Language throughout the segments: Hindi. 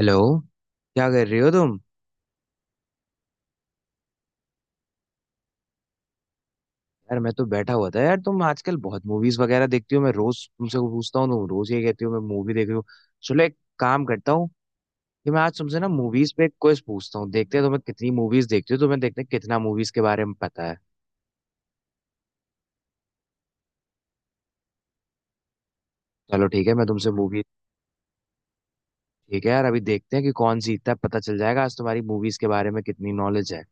हेलो। क्या कर रही हो तुम? यार मैं तो बैठा हुआ था। यार तुम आजकल बहुत मूवीज वगैरह देखती हो, मैं रोज तुमसे पूछता हूँ, तुम रोज ये कहती हो मैं मूवी देख रही हूँ। चलो एक काम करता हूँ कि मैं आज तुमसे ना मूवीज पे एक क्विज पूछता हूँ, देखते हैं तुम्हें कितनी मूवीज देखती हो, तुम्हें देखते हैं कितना मूवीज के बारे में पता है। चलो ठीक है मैं तुमसे मूवी। ठीक है यार अभी देखते हैं कि कौन जीतता है, पता चल जाएगा आज तुम्हारी मूवीज के बारे में कितनी नॉलेज है।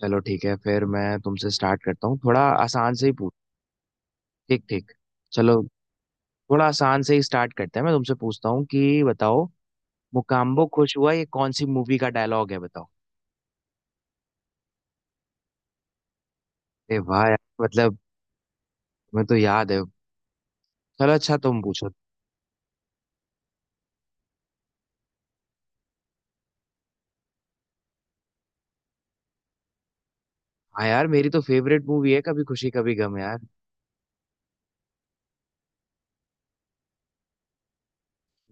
चलो ठीक है, फिर मैं तुमसे स्टार्ट करता हूँ थोड़ा आसान से ही पूछ। ठीक ठीक, चलो। थोड़ा आसान से ही स्टार्ट करते हैं, मैं तुमसे पूछता हूँ कि बताओ, मुकाम्बो खुश हुआ ये कौन सी मूवी का डायलॉग है बताओ। अरे वाह यार मतलब, मैं तो याद है। चलो अच्छा तुम पूछो। हाँ यार मेरी तो फेवरेट मूवी है कभी खुशी कभी गम यार।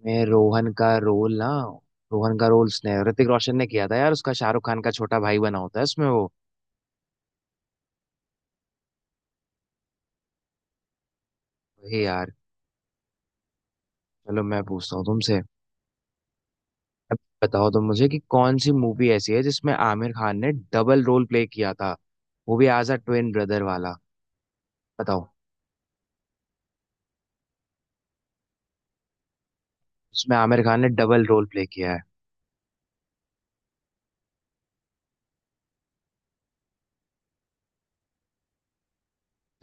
मैं रोहन का रोल ना, रोहन का रोल उसने ऋतिक रोशन ने किया था यार। उसका शाहरुख खान का छोटा भाई बना होता है उसमें वो। वही यार। चलो मैं पूछता हूँ तुमसे। अब बताओ तुम मुझे कि कौन सी मूवी ऐसी है जिसमें आमिर खान ने डबल रोल प्ले किया था, वो भी एज अ ट्विन ब्रदर वाला। बताओ। उसमें आमिर खान ने डबल रोल प्ले किया है।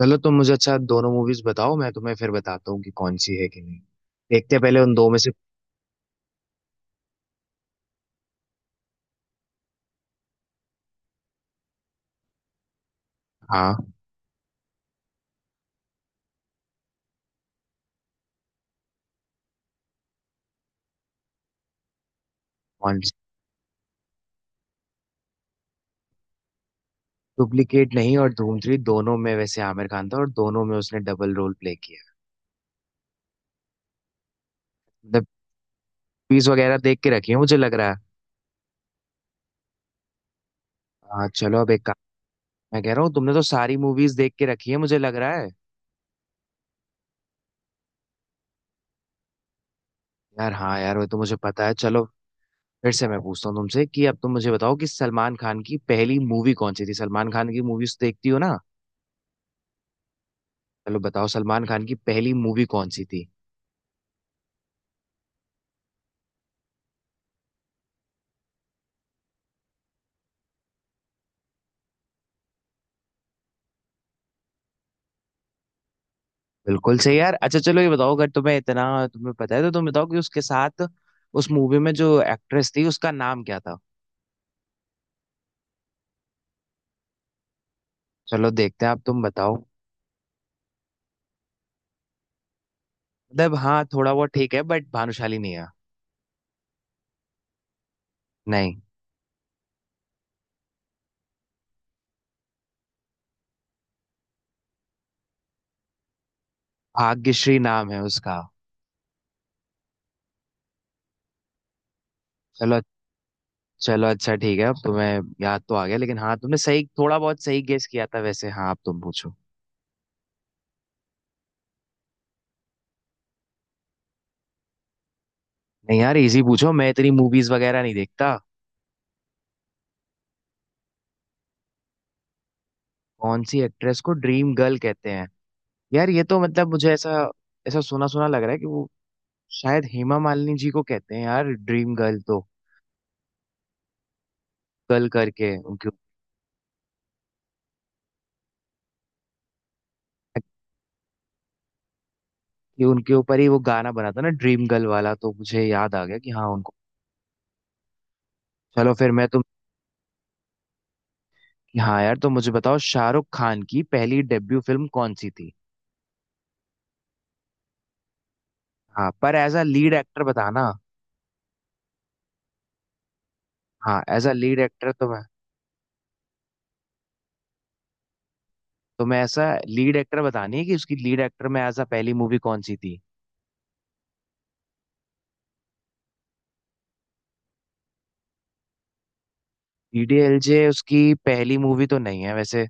चलो तुम मुझे अच्छा दोनों मूवीज बताओ, मैं तुम्हें फिर बताता हूँ कि कौन सी है कि नहीं। देखते हैं पहले उन दो में से। हाँ। कौन सी? डुप्लीकेट नहीं और धूम थ्री, दोनों में वैसे आमिर खान था और दोनों में उसने डबल रोल प्ले किया। मतलब पीस वगैरह देख के रखी है मुझे लग रहा है। हाँ चलो अब एक काम। मैं कह रहा हूँ तुमने तो सारी मूवीज देख के रखी है मुझे लग रहा है। यार हाँ यार वो तो मुझे पता है। चलो फिर से मैं पूछता हूँ तुमसे कि अब तुम मुझे बताओ कि सलमान खान की पहली मूवी कौन सी थी, सलमान खान की मूवीज देखती हो ना? चलो बताओ सलमान खान की पहली मूवी कौन सी थी? बिल्कुल सही यार। अच्छा चलो ये बताओ, अगर तुम्हें इतना तुम्हें पता है तो तुम बताओ कि उसके साथ उस मूवी में जो एक्ट्रेस थी उसका नाम क्या था? चलो देखते हैं, आप तुम बताओ। मतलब हाँ थोड़ा बहुत ठीक है बट भानुशाली नहीं है। नहीं, भाग्यश्री नाम है उसका। चलो। चलो अच्छा ठीक है, अब तुम्हें याद तो आ गया, लेकिन हाँ तुमने सही, थोड़ा बहुत सही गेस किया था वैसे। हाँ अब तुम पूछो। नहीं यार इजी पूछो, मैं इतनी मूवीज वगैरह नहीं देखता। कौन सी एक्ट्रेस को ड्रीम गर्ल कहते हैं? यार ये तो मतलब मुझे ऐसा ऐसा सुना सुना लग रहा है कि वो शायद हेमा मालिनी जी को कहते हैं यार ड्रीम गर्ल तो। गर्ल करके उनके। कि उनके ऊपर ही वो गाना बना था ना ड्रीम गर्ल वाला, तो मुझे याद आ गया कि हाँ उनको। चलो फिर मैं तुम। हाँ यार तो मुझे बताओ शाहरुख खान की पहली डेब्यू फिल्म कौन सी थी? हाँ पर एज अ लीड एक्टर बताना। हाँ एज अ लीड एक्टर तो मैं। तो मैं ऐसा लीड एक्टर बतानी है कि उसकी लीड एक्टर में एज अ पहली मूवी कौन सी थी। डीडीएलजे उसकी पहली मूवी तो नहीं है वैसे।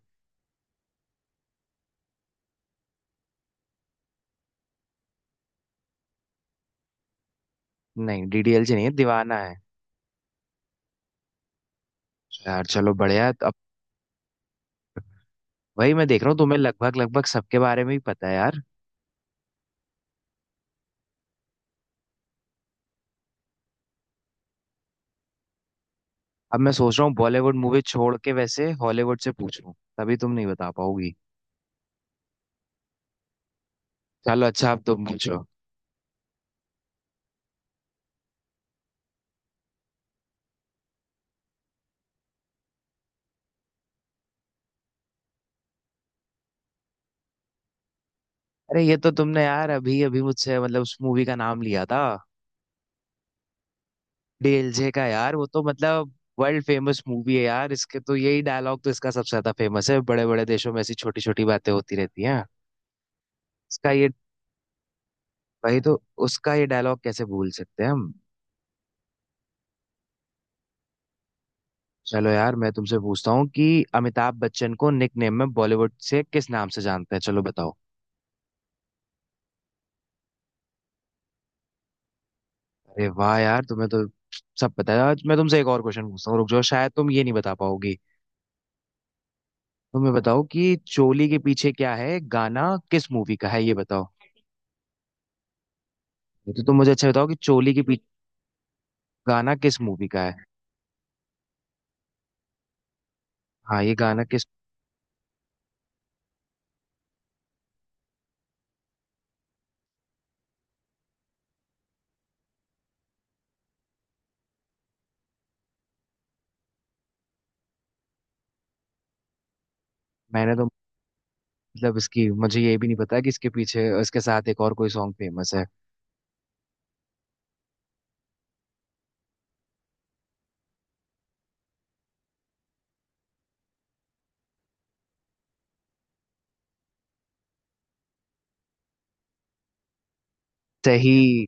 नहीं डीडीएलजे नहीं है, दीवाना है। यार चलो बढ़िया अब। वही मैं देख रहा हूँ तुम्हें लगभग लगभग सबके बारे में ही पता है यार। अब मैं सोच रहा हूँ बॉलीवुड मूवी छोड़ के वैसे हॉलीवुड से पूछूं तभी तुम नहीं बता पाओगी। चलो अच्छा अब तुम पूछो। अरे ये तो तुमने यार अभी अभी मुझसे मतलब उस मूवी का नाम लिया था, डीएलजे का यार। वो तो मतलब वर्ल्ड फेमस मूवी है यार इसके तो, यही डायलॉग तो इसका सबसे ज्यादा फेमस है, बड़े बड़े देशों में ऐसी छोटी छोटी बातें होती रहती हैं। इसका ये। वही तो। उसका ये डायलॉग कैसे भूल सकते हैं हम। चलो यार मैं तुमसे पूछता हूँ कि अमिताभ बच्चन को निक नेम में बॉलीवुड से किस नाम से जानते हैं? चलो बताओ। अरे वाह यार तुम्हें तो सब पता है। आज मैं तुमसे एक और क्वेश्चन पूछता हूँ रुक जाओ, शायद तुम ये नहीं बता पाओगी। तुम्हें बताओ कि चोली के पीछे क्या है गाना किस मूवी का है, ये बताओ। ये तो तुम मुझे अच्छा बताओ कि चोली के पीछे गाना किस मूवी का है। हाँ ये गाना किस। मैंने तो मतलब इसकी मुझे ये भी नहीं पता कि इसके पीछे इसके साथ एक और कोई सॉन्ग फेमस है। सही।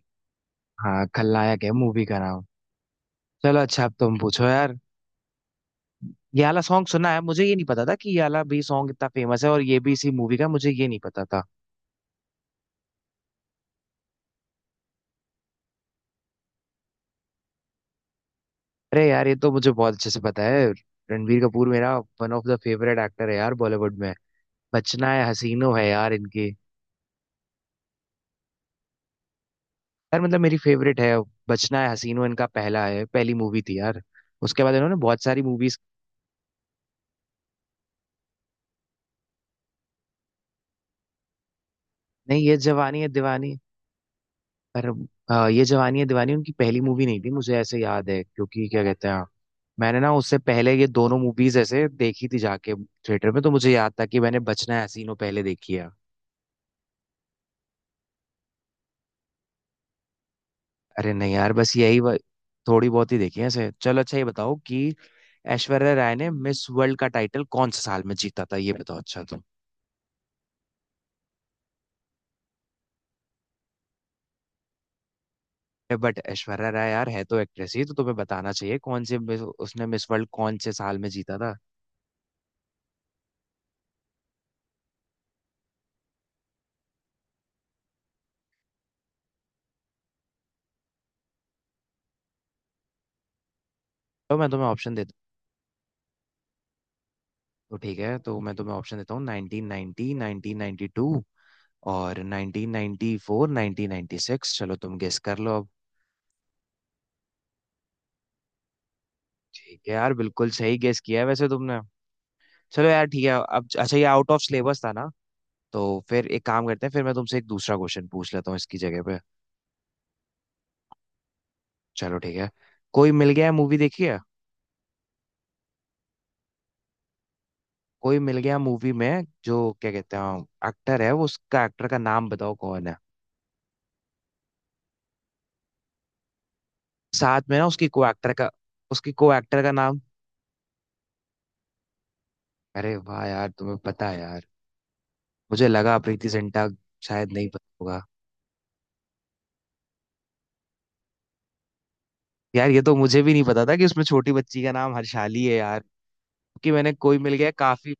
हाँ खलनायक है मूवी का नाम। चलो अच्छा अब तुम पूछो यार। ये वाला सॉन्ग सुना है, मुझे ये नहीं पता था कि ये वाला भी सॉन्ग इतना फेमस है और ये भी इसी मूवी का, मुझे ये नहीं पता था। अरे यार ये तो मुझे बहुत अच्छे से पता है। रणबीर कपूर मेरा one of the favourite actor है यार बॉलीवुड में। बचना है हसीनो है यार इनकी। यार मतलब मेरी फेवरेट है। बचना है हसीनो इनका पहला है, पहली मूवी थी यार। उसके बाद इन्होंने बहुत सारी मूवीज। नहीं ये जवानी है दीवानी, पर ये जवानी है दीवानी उनकी पहली मूवी नहीं थी, मुझे ऐसे याद है क्योंकि क्या कहते हैं मैंने ना उससे पहले ये दोनों मूवीज ऐसे देखी थी जाके थिएटर में, तो मुझे याद था कि मैंने बचना है हसीनो पहले देखी है। अरे नहीं यार बस यही थोड़ी बहुत ही देखी है ऐसे। चलो अच्छा ये बताओ कि ऐश्वर्या राय ने मिस वर्ल्ड का टाइटल कौन से साल में जीता था, ये बताओ। अच्छा तुम, बट ऐश्वर्या राय यार है तो एक्ट्रेस ही तो तुम्हें बताना चाहिए, कौन से उसने मिस वर्ल्ड कौन से साल में जीता था। तो मैं तुम्हें ऑप्शन देता, तो ठीक है तो मैं तुम्हें ऑप्शन देता हूँ 1990 1992 और 1994 1996, चलो तुम गेस कर लो अब। ठीक है यार बिल्कुल सही गेस किया है वैसे तुमने। चलो यार ठीक है अब, अच्छा ये आउट ऑफ सिलेबस था ना, तो फिर एक काम करते हैं फिर मैं तुमसे एक दूसरा क्वेश्चन पूछ लेता हूँ इसकी जगह पे। चलो ठीक है। कोई मिल गया मूवी देखी है? कोई मिल गया मूवी में जो क्या कहते हैं एक्टर है वो, उसका एक्टर का नाम बताओ कौन है? साथ में ना उसकी को एक्टर का, उसकी को एक्टर का नाम। अरे वाह यार तुम्हें पता है यार, मुझे लगा प्रीति जिंटा शायद नहीं पता होगा। यार ये तो मुझे भी नहीं पता था कि उसमें छोटी बच्ची का नाम हर्षाली है यार, कि मैंने कोई मिल गया काफी।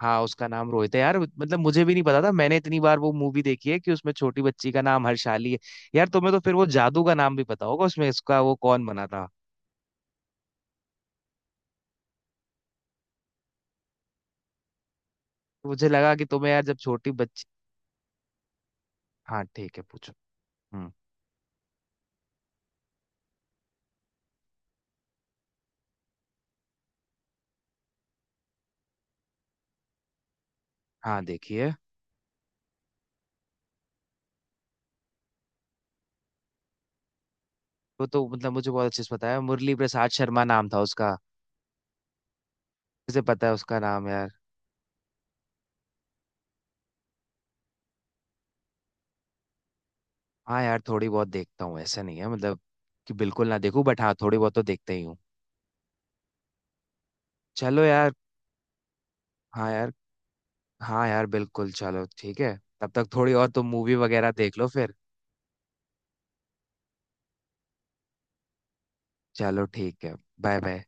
हाँ उसका नाम रोहित है यार, मतलब मुझे भी नहीं पता था, मैंने इतनी बार वो मूवी देखी है कि उसमें छोटी बच्ची का नाम हर्षाली है। यार तुम्हें तो फिर वो जादू का नाम भी पता होगा उसमें, इसका वो कौन बना था? मुझे लगा कि तुम्हें यार जब छोटी बच्ची। हाँ ठीक है पूछो। हम्म। हाँ देखिए। वो तो मतलब मुझे बहुत अच्छे से पता है, मुरली प्रसाद शर्मा नाम था उसका। किसे पता है उसका नाम यार। हाँ यार थोड़ी बहुत देखता हूँ, ऐसा नहीं है मतलब कि बिल्कुल ना देखूं बट हाँ थोड़ी बहुत तो देखते ही हूँ। चलो यार। हाँ यार। हाँ यार बिल्कुल चलो ठीक है। तब तक थोड़ी और तुम मूवी वगैरह देख लो फिर। चलो ठीक है। Bye bye.